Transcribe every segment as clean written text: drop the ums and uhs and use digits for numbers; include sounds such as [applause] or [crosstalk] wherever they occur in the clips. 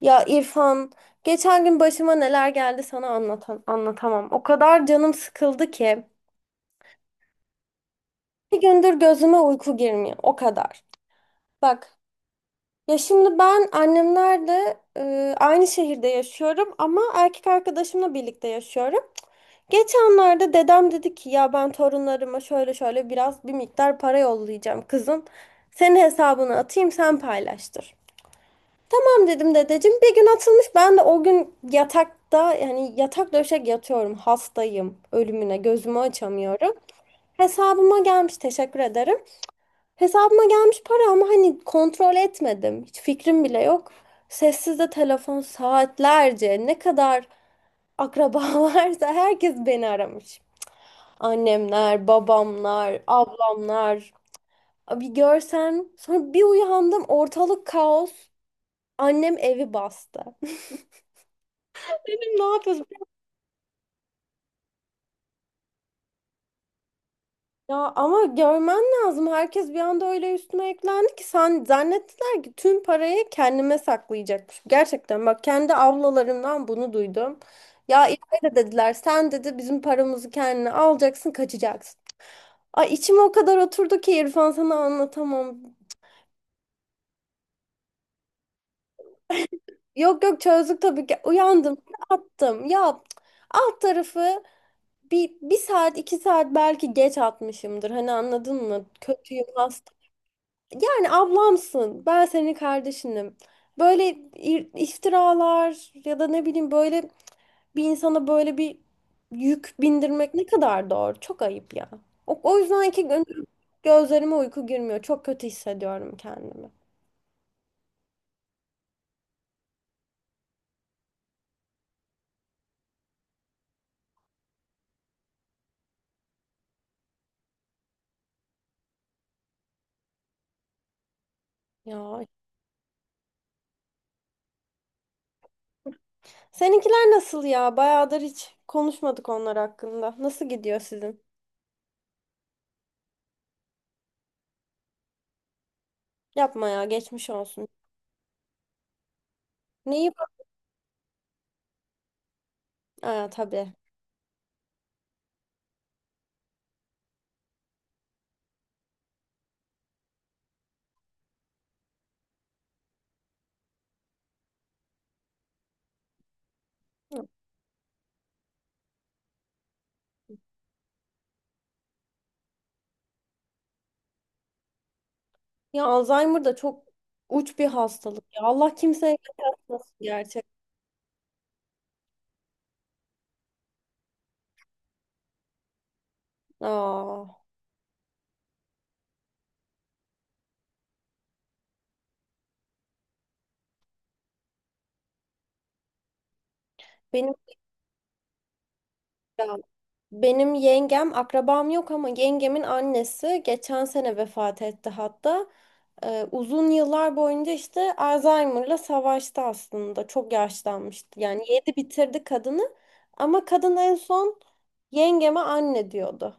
Ya İrfan, geçen gün başıma neler geldi sana anlatamam. O kadar canım sıkıldı ki. Bir gündür gözüme uyku girmiyor. O kadar. Bak, ya şimdi ben annemlerle aynı şehirde yaşıyorum ama erkek arkadaşımla birlikte yaşıyorum. Geçenlerde dedem dedi ki ya ben torunlarıma şöyle şöyle biraz bir miktar para yollayacağım kızım. Senin hesabını atayım, sen paylaştır. Tamam dedim dedeciğim. Bir gün atılmış. Ben de o gün yatakta, yani yatak döşek yatıyorum. Hastayım. Ölümüne gözümü açamıyorum. Hesabıma gelmiş, teşekkür ederim. Hesabıma gelmiş para ama hani kontrol etmedim. Hiç fikrim bile yok. Sessizde telefon saatlerce, ne kadar akraba [laughs] varsa herkes beni aramış. Annemler, babamlar, ablamlar. Bir görsen, sonra bir uyandım, ortalık kaos. Annem evi bastı. [laughs] Dedim ne yapıyorsun? Ya ama görmen lazım. Herkes bir anda öyle üstüme eklendi ki sen, zannettiler ki tüm parayı kendime saklayacakmış. Gerçekten bak, kendi ablalarımdan bunu duydum. Ya İlayda dediler, sen dedi bizim paramızı kendine alacaksın kaçacaksın. Ay, içim o kadar oturdu ki İrfan, sana anlatamam. Yok, yok, çözdük tabii ki. Uyandım attım. Ya cık, alt tarafı bir saat 2 saat belki geç atmışımdır. Hani anladın mı? Kötüyüm. Yani ablamsın, ben senin kardeşinim. Böyle iftiralar ya da ne bileyim, böyle bir insana böyle bir yük bindirmek ne kadar doğru? Çok ayıp ya. O yüzden ki gözlerime uyku girmiyor. Çok kötü hissediyorum kendimi. Ya seninkiler nasıl ya? Bayağıdır hiç konuşmadık onlar hakkında. Nasıl gidiyor sizin? Yapma ya, geçmiş olsun. Neyi? Aa, tabii. Ya Alzheimer da çok uç bir hastalık ya. Allah kimseye göstermesin gerçekten. Aa, benim ya, benim yengem akrabam yok ama yengemin annesi geçen sene vefat etti hatta. Uzun yıllar boyunca işte Alzheimer'la savaştı aslında. Çok yaşlanmıştı. Yani yedi bitirdi kadını ama kadın en son yengeme anne diyordu.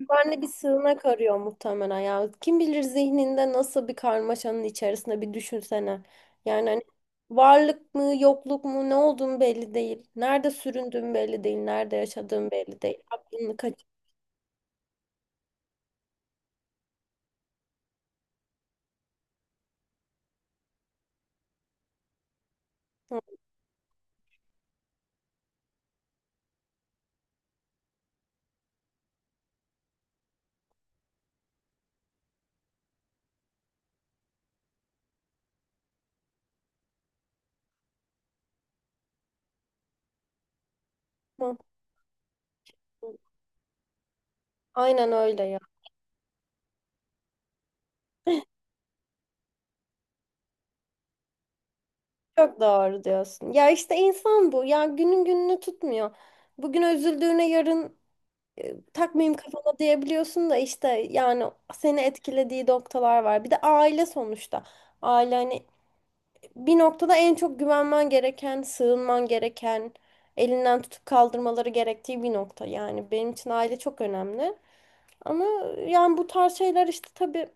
Barney bir sığınak arıyor muhtemelen ya. Kim bilir zihninde nasıl bir karmaşanın içerisinde, bir düşünsene. Yani hani varlık mı yokluk mu, ne olduğun belli değil. Nerede süründüğün belli değil. Nerede yaşadığın belli değil. Aklını kaçırma. Aynen öyle ya. Çok doğru diyorsun. Ya işte insan bu. Ya günün gününü tutmuyor. Bugün üzüldüğüne yarın takmayayım kafama diyebiliyorsun da işte yani seni etkilediği noktalar var. Bir de aile sonuçta. Aile hani bir noktada en çok güvenmen gereken, sığınman gereken, elinden tutup kaldırmaları gerektiği bir nokta. Yani benim için aile çok önemli. Ama yani bu tarz şeyler işte tabii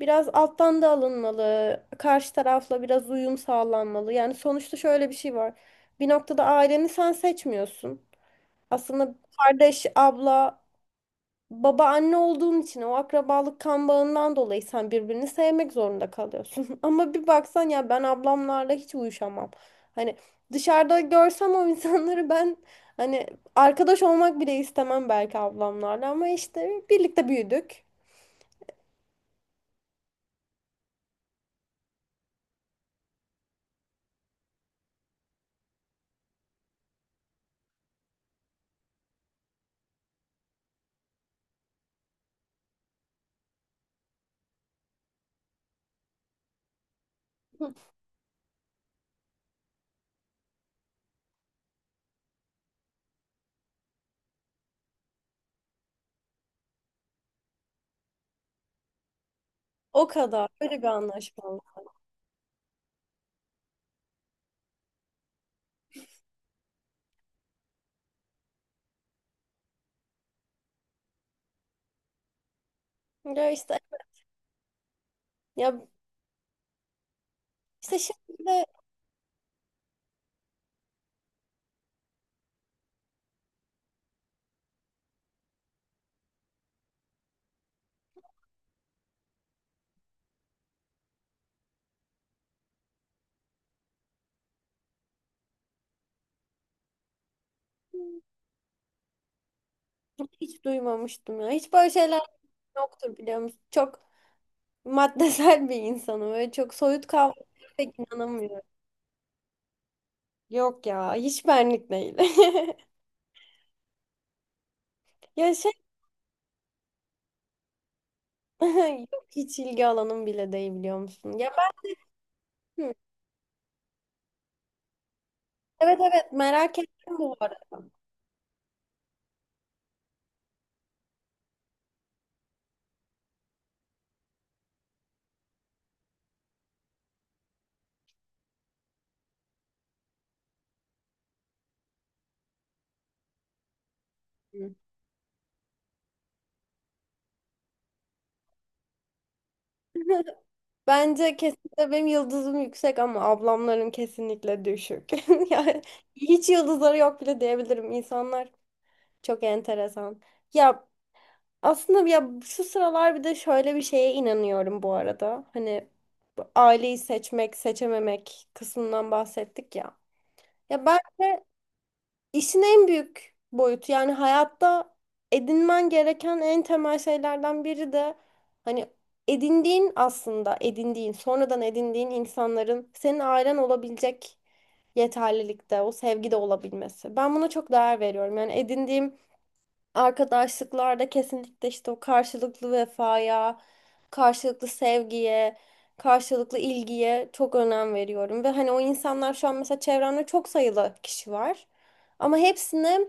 biraz alttan da alınmalı. Karşı tarafla biraz uyum sağlanmalı. Yani sonuçta şöyle bir şey var. Bir noktada aileni sen seçmiyorsun. Aslında kardeş, abla, baba, anne olduğun için, o akrabalık kan bağından dolayı sen birbirini sevmek zorunda kalıyorsun. [laughs] Ama bir baksan ya, ben ablamlarla hiç uyuşamam. Hani dışarıda görsem o insanları ben, hani arkadaş olmak bile istemem belki ablamlarla ama işte birlikte büyüdük. O kadar. Öyle bir anlaşmalı. Ya işte. Ya işte şimdi de hiç duymamıştım ya. Hiç böyle şeyler yoktur, biliyor musun? Çok maddesel bir insanım. Böyle çok soyut kavramlara pek inanamıyorum. Yok ya, hiç benlik değil. [laughs] Ya şey. [laughs] Yok, hiç ilgi alanım bile değil, biliyor musun? Ya ben. Hı, evet, evet, merak ettim bu arada. Hı. [laughs] Bence kesinlikle benim yıldızım yüksek ama ablamların kesinlikle düşük. [laughs] Yani hiç yıldızları yok bile diyebilirim. İnsanlar çok enteresan. Ya, aslında ya şu sıralar bir de şöyle bir şeye inanıyorum bu arada. Hani bu aileyi seçmek, seçememek kısmından bahsettik ya. Ya bence işin en büyük boyutu, yani hayatta edinmen gereken en temel şeylerden biri de hani edindiğin, aslında edindiğin, sonradan edindiğin insanların senin ailen olabilecek yeterlilikte, o sevgide olabilmesi. Ben buna çok değer veriyorum. Yani edindiğim arkadaşlıklarda kesinlikle işte o karşılıklı vefaya, karşılıklı sevgiye, karşılıklı ilgiye çok önem veriyorum. Ve hani o insanlar, şu an mesela çevremde çok sayılı kişi var. Ama hepsini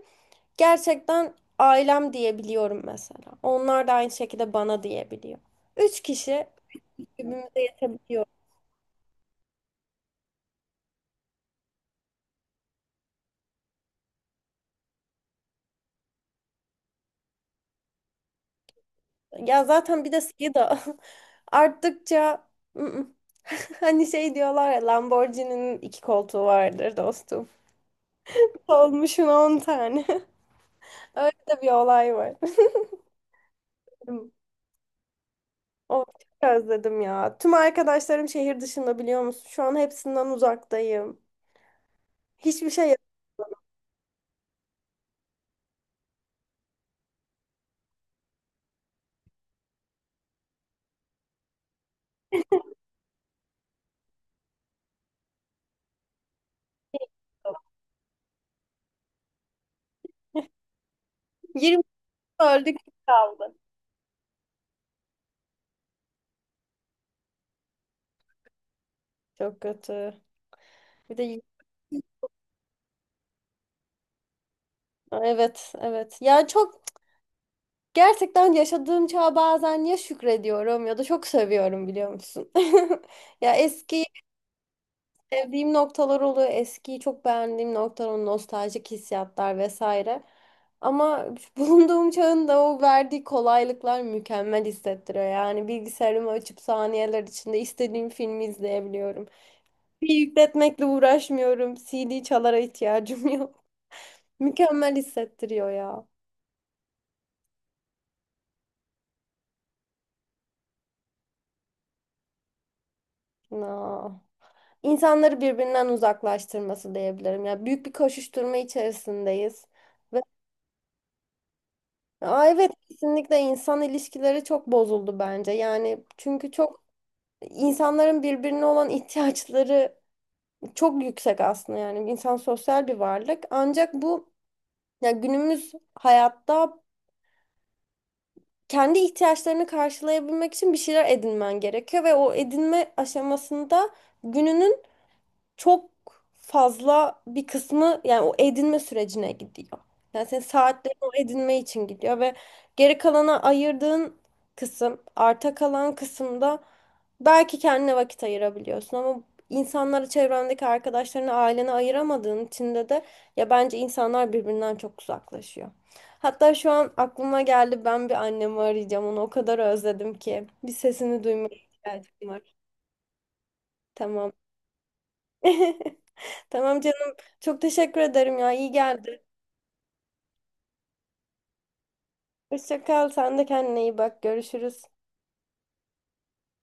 gerçekten ailem diyebiliyorum mesela. Onlar da aynı şekilde bana diyebiliyor. Üç kişi birbirimize yetebiliyor. Ya zaten bir de sayı da [laughs] arttıkça, ı-ı. [laughs] Hani şey diyorlar ya, Lamborghini'nin iki koltuğu vardır dostum. Olmuşun 10 tane. [laughs] Öyle de bir olay var. [laughs] O, çok özledim ya. Tüm arkadaşlarım şehir dışında, biliyor musun? Şu an hepsinden uzaktayım. Hiçbir şey yapamam. 20, öldük kaldı. Çok kötü. Bir de evet, evet. Ya çok, gerçekten yaşadığım çağa bazen ya şükrediyorum ya da çok seviyorum, biliyor musun? [laughs] Ya eski. Sevdiğim noktalar oluyor. Eskiyi çok beğendiğim noktalar, o nostaljik hissiyatlar vesaire. Ama [laughs] bulunduğum çağın da o verdiği kolaylıklar mükemmel hissettiriyor. Yani bilgisayarımı açıp saniyeler içinde istediğim filmi izleyebiliyorum. Bir yükletmekle uğraşmıyorum. CD çalara ihtiyacım yok. [laughs] Mükemmel hissettiriyor ya. Na. İnsanları birbirinden uzaklaştırması diyebilirim. Ya, büyük bir koşuşturma içerisindeyiz. Aa, evet, kesinlikle insan ilişkileri çok bozuldu bence. Yani çünkü çok, insanların birbirine olan ihtiyaçları çok yüksek aslında, yani insan sosyal bir varlık. Ancak bu, ya günümüz hayatta kendi ihtiyaçlarını karşılayabilmek için bir şeyler edinmen gerekiyor ve o edinme aşamasında gününün çok fazla bir kısmı, yani o edinme sürecine gidiyor. Yani senin saatlerin o edinme için gidiyor ve geri kalana ayırdığın kısım, arta kalan kısımda belki kendine vakit ayırabiliyorsun ama insanlara, çevrendeki arkadaşlarına, ailene ayıramadığın içinde de ya bence insanlar birbirinden çok uzaklaşıyor. Hatta şu an aklıma geldi, ben bir annemi arayacağım, onu o kadar özledim ki, bir sesini duymaya ihtiyacım var. Tamam. [laughs] Tamam canım. Çok teşekkür ederim ya. İyi geldi. Hoşça kal. Sen de kendine iyi bak. Görüşürüz.